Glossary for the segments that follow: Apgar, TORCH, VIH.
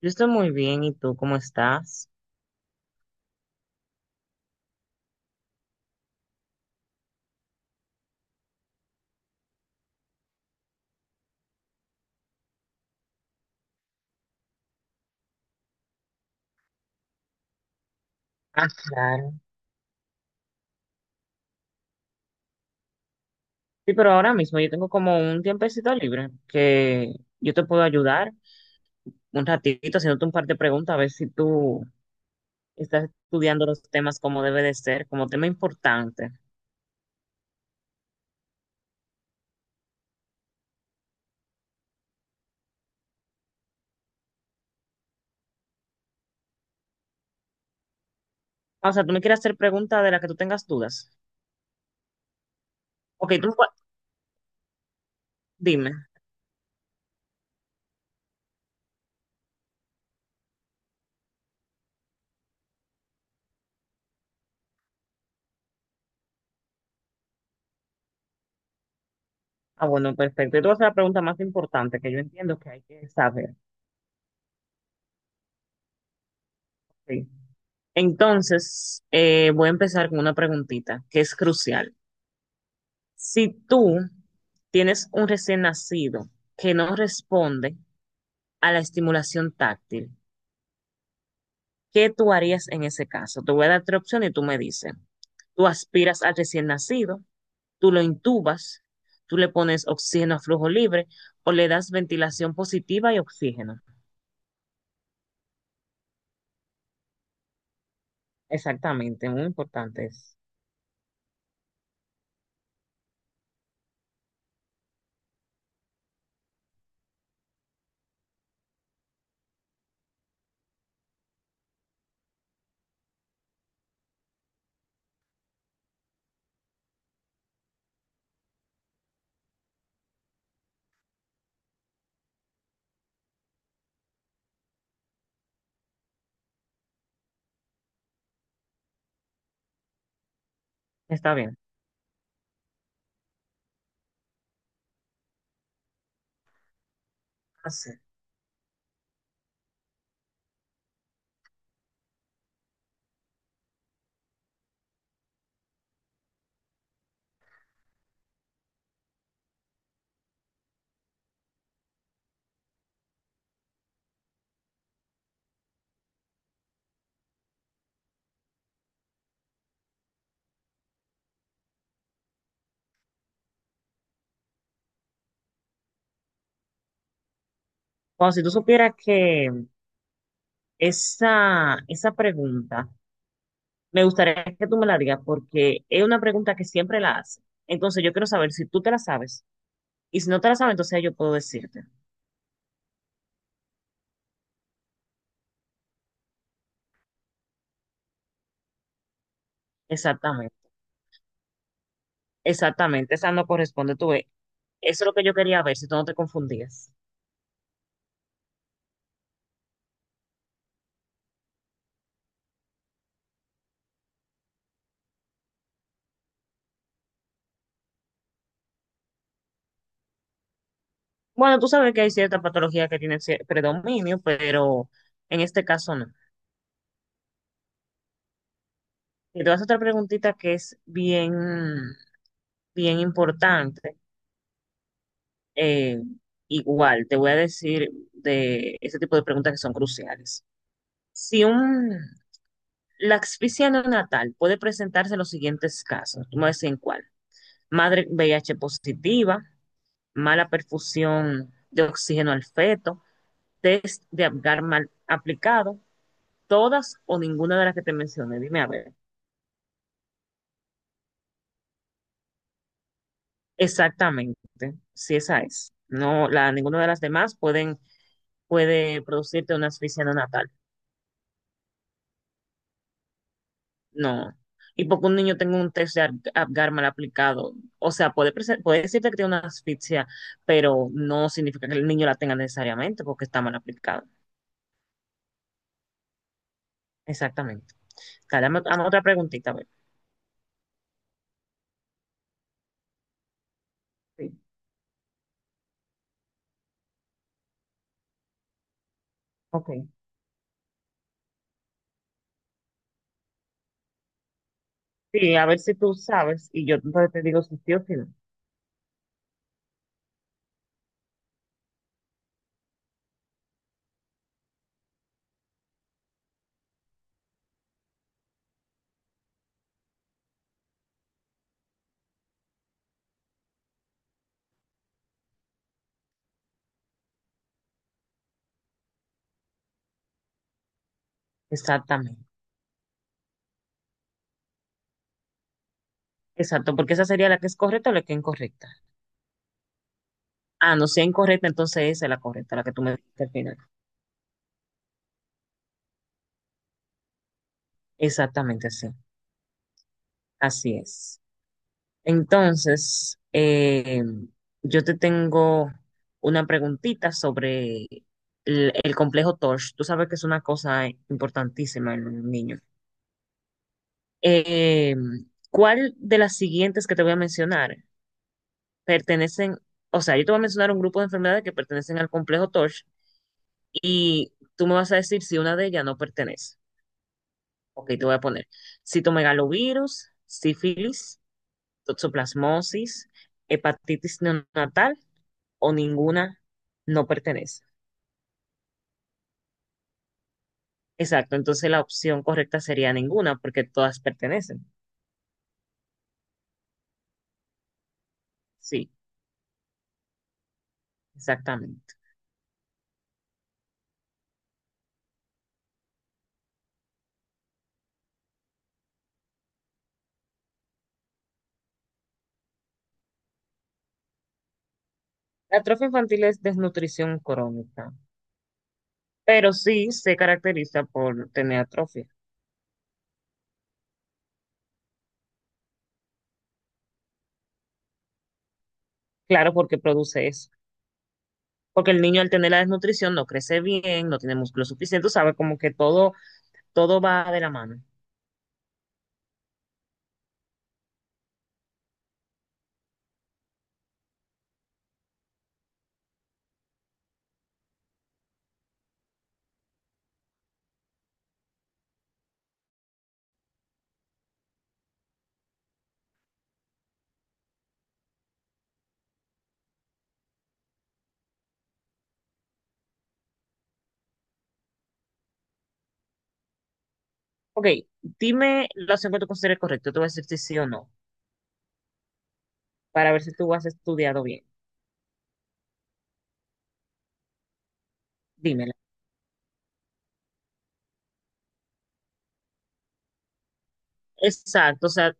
Yo estoy muy bien, ¿y tú cómo estás? Ah, claro. Sí, pero ahora mismo yo tengo como un tiempecito libre que yo te puedo ayudar un ratito haciéndote un par de preguntas a ver si tú estás estudiando los temas como debe de ser, como tema importante. Ah, o sea, tú me quieres hacer preguntas de las que tú tengas dudas. Ok, dime. Ah, bueno, perfecto. Yo te voy a hacer la pregunta más importante que yo entiendo que hay que saber. Sí. Entonces, voy a empezar con una preguntita que es crucial. Si tú tienes un recién nacido que no responde a la estimulación táctil, ¿qué tú harías en ese caso? Te voy a dar tres opciones y tú me dices. Tú aspiras al recién nacido, tú lo intubas, tú le pones oxígeno a flujo libre o le das ventilación positiva y oxígeno. Exactamente, muy importante es. Está bien. Así. Bueno, si tú supieras que esa pregunta. Me gustaría que tú me la digas porque es una pregunta que siempre la hace. Entonces yo quiero saber si tú te la sabes. Y si no te la sabes, entonces yo puedo decirte. Exactamente, exactamente. Esa no corresponde, tú ves. Eso es lo que yo quería ver, si tú no te confundías. Bueno, tú sabes que hay ciertas patologías que tienen predominio, pero en este caso no. Y te voy a hacer otra preguntita que es bien, bien importante. Eh, Igual, te voy a decir de ese tipo de preguntas que son cruciales. Si un, La asfixia neonatal puede presentarse en los siguientes casos. Tú me decís en cuál. Madre VIH positiva, mala perfusión de oxígeno al feto, test de Apgar mal aplicado, todas o ninguna de las que te mencioné. Dime a ver exactamente si esa es. No, ninguna de las demás puede producirte una asfixia neonatal. No. Y porque un niño tenga un test de Apgar mal aplicado, o sea, puede decirte que tiene una asfixia, pero no significa que el niño la tenga necesariamente porque está mal aplicado. Exactamente. Dale, dame, dame otra preguntita, a ver. Sí, ok. Sí, a ver si tú sabes y yo entonces te digo si sí o si no. Exactamente. Exacto, porque esa sería la que es correcta o la que es incorrecta. Ah, no, si es incorrecta, entonces esa es la correcta, la que tú me dijiste al final. Exactamente, sí. Así es. Entonces, yo te tengo una preguntita sobre el complejo TORCH. Tú sabes que es una cosa importantísima en un niño. Eh, ¿Cuál de las siguientes que te voy a mencionar pertenecen? O sea, yo te voy a mencionar un grupo de enfermedades que pertenecen al complejo TORCH y tú me vas a decir si una de ellas no pertenece. Ok, te voy a poner citomegalovirus, sífilis, toxoplasmosis, hepatitis neonatal o ninguna no pertenece. Exacto, entonces la opción correcta sería ninguna, porque todas pertenecen. Sí, exactamente. La atrofia infantil es desnutrición crónica, pero sí se caracteriza por tener atrofia. Claro, porque produce eso. Porque el niño al tener la desnutrición no crece bien, no tiene músculo suficiente, sabe como que todo, todo va de la mano. Ok, dime la opción que tú consideres correcta, te voy a decir si sí o no, para ver si tú has estudiado bien. Dímela. Exacto, o sea,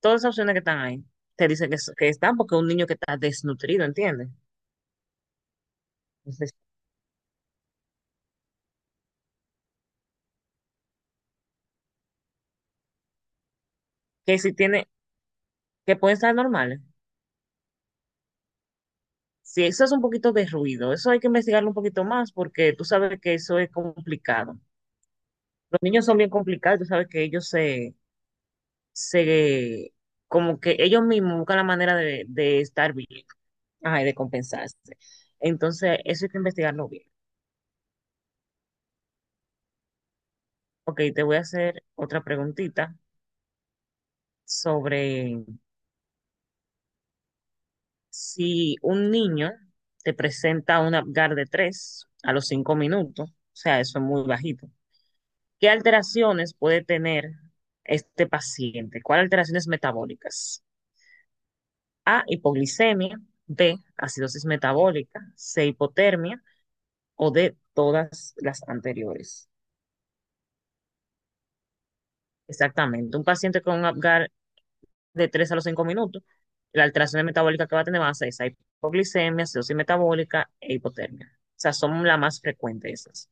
todas esas opciones que están ahí, te dicen que, que están porque un niño que está desnutrido, ¿entiendes? Entonces, que si tiene, que pueden estar normales. Si eso es un poquito de ruido, eso hay que investigarlo un poquito más porque tú sabes que eso es complicado. Los niños son bien complicados, tú sabes que se, como que ellos mismos buscan la manera de estar bien, ajá, y de compensarse. Entonces, eso hay que investigarlo bien. Ok, te voy a hacer otra preguntita sobre. Si un niño te presenta un Apgar de 3 a los 5 minutos, o sea, eso es muy bajito, ¿qué alteraciones puede tener este paciente? ¿Cuáles alteraciones metabólicas? A, hipoglicemia, B, acidosis metabólica, C, hipotermia o D, todas las anteriores. Exactamente, un paciente con un Apgar de 3 a los 5 minutos, la alteración metabólica que va a tener va a ser esa, hipoglicemia, acidosis metabólica e hipotermia. O sea, son las más frecuentes esas.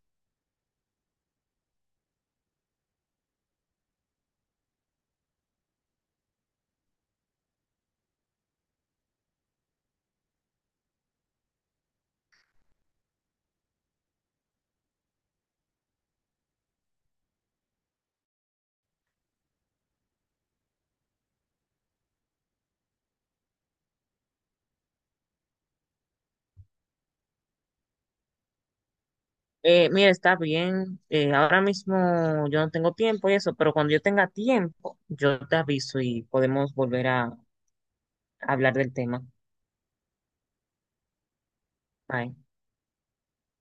Mira, está bien. Ahora mismo yo no tengo tiempo y eso, pero cuando yo tenga tiempo, yo te aviso y podemos volver a hablar del tema. Bye.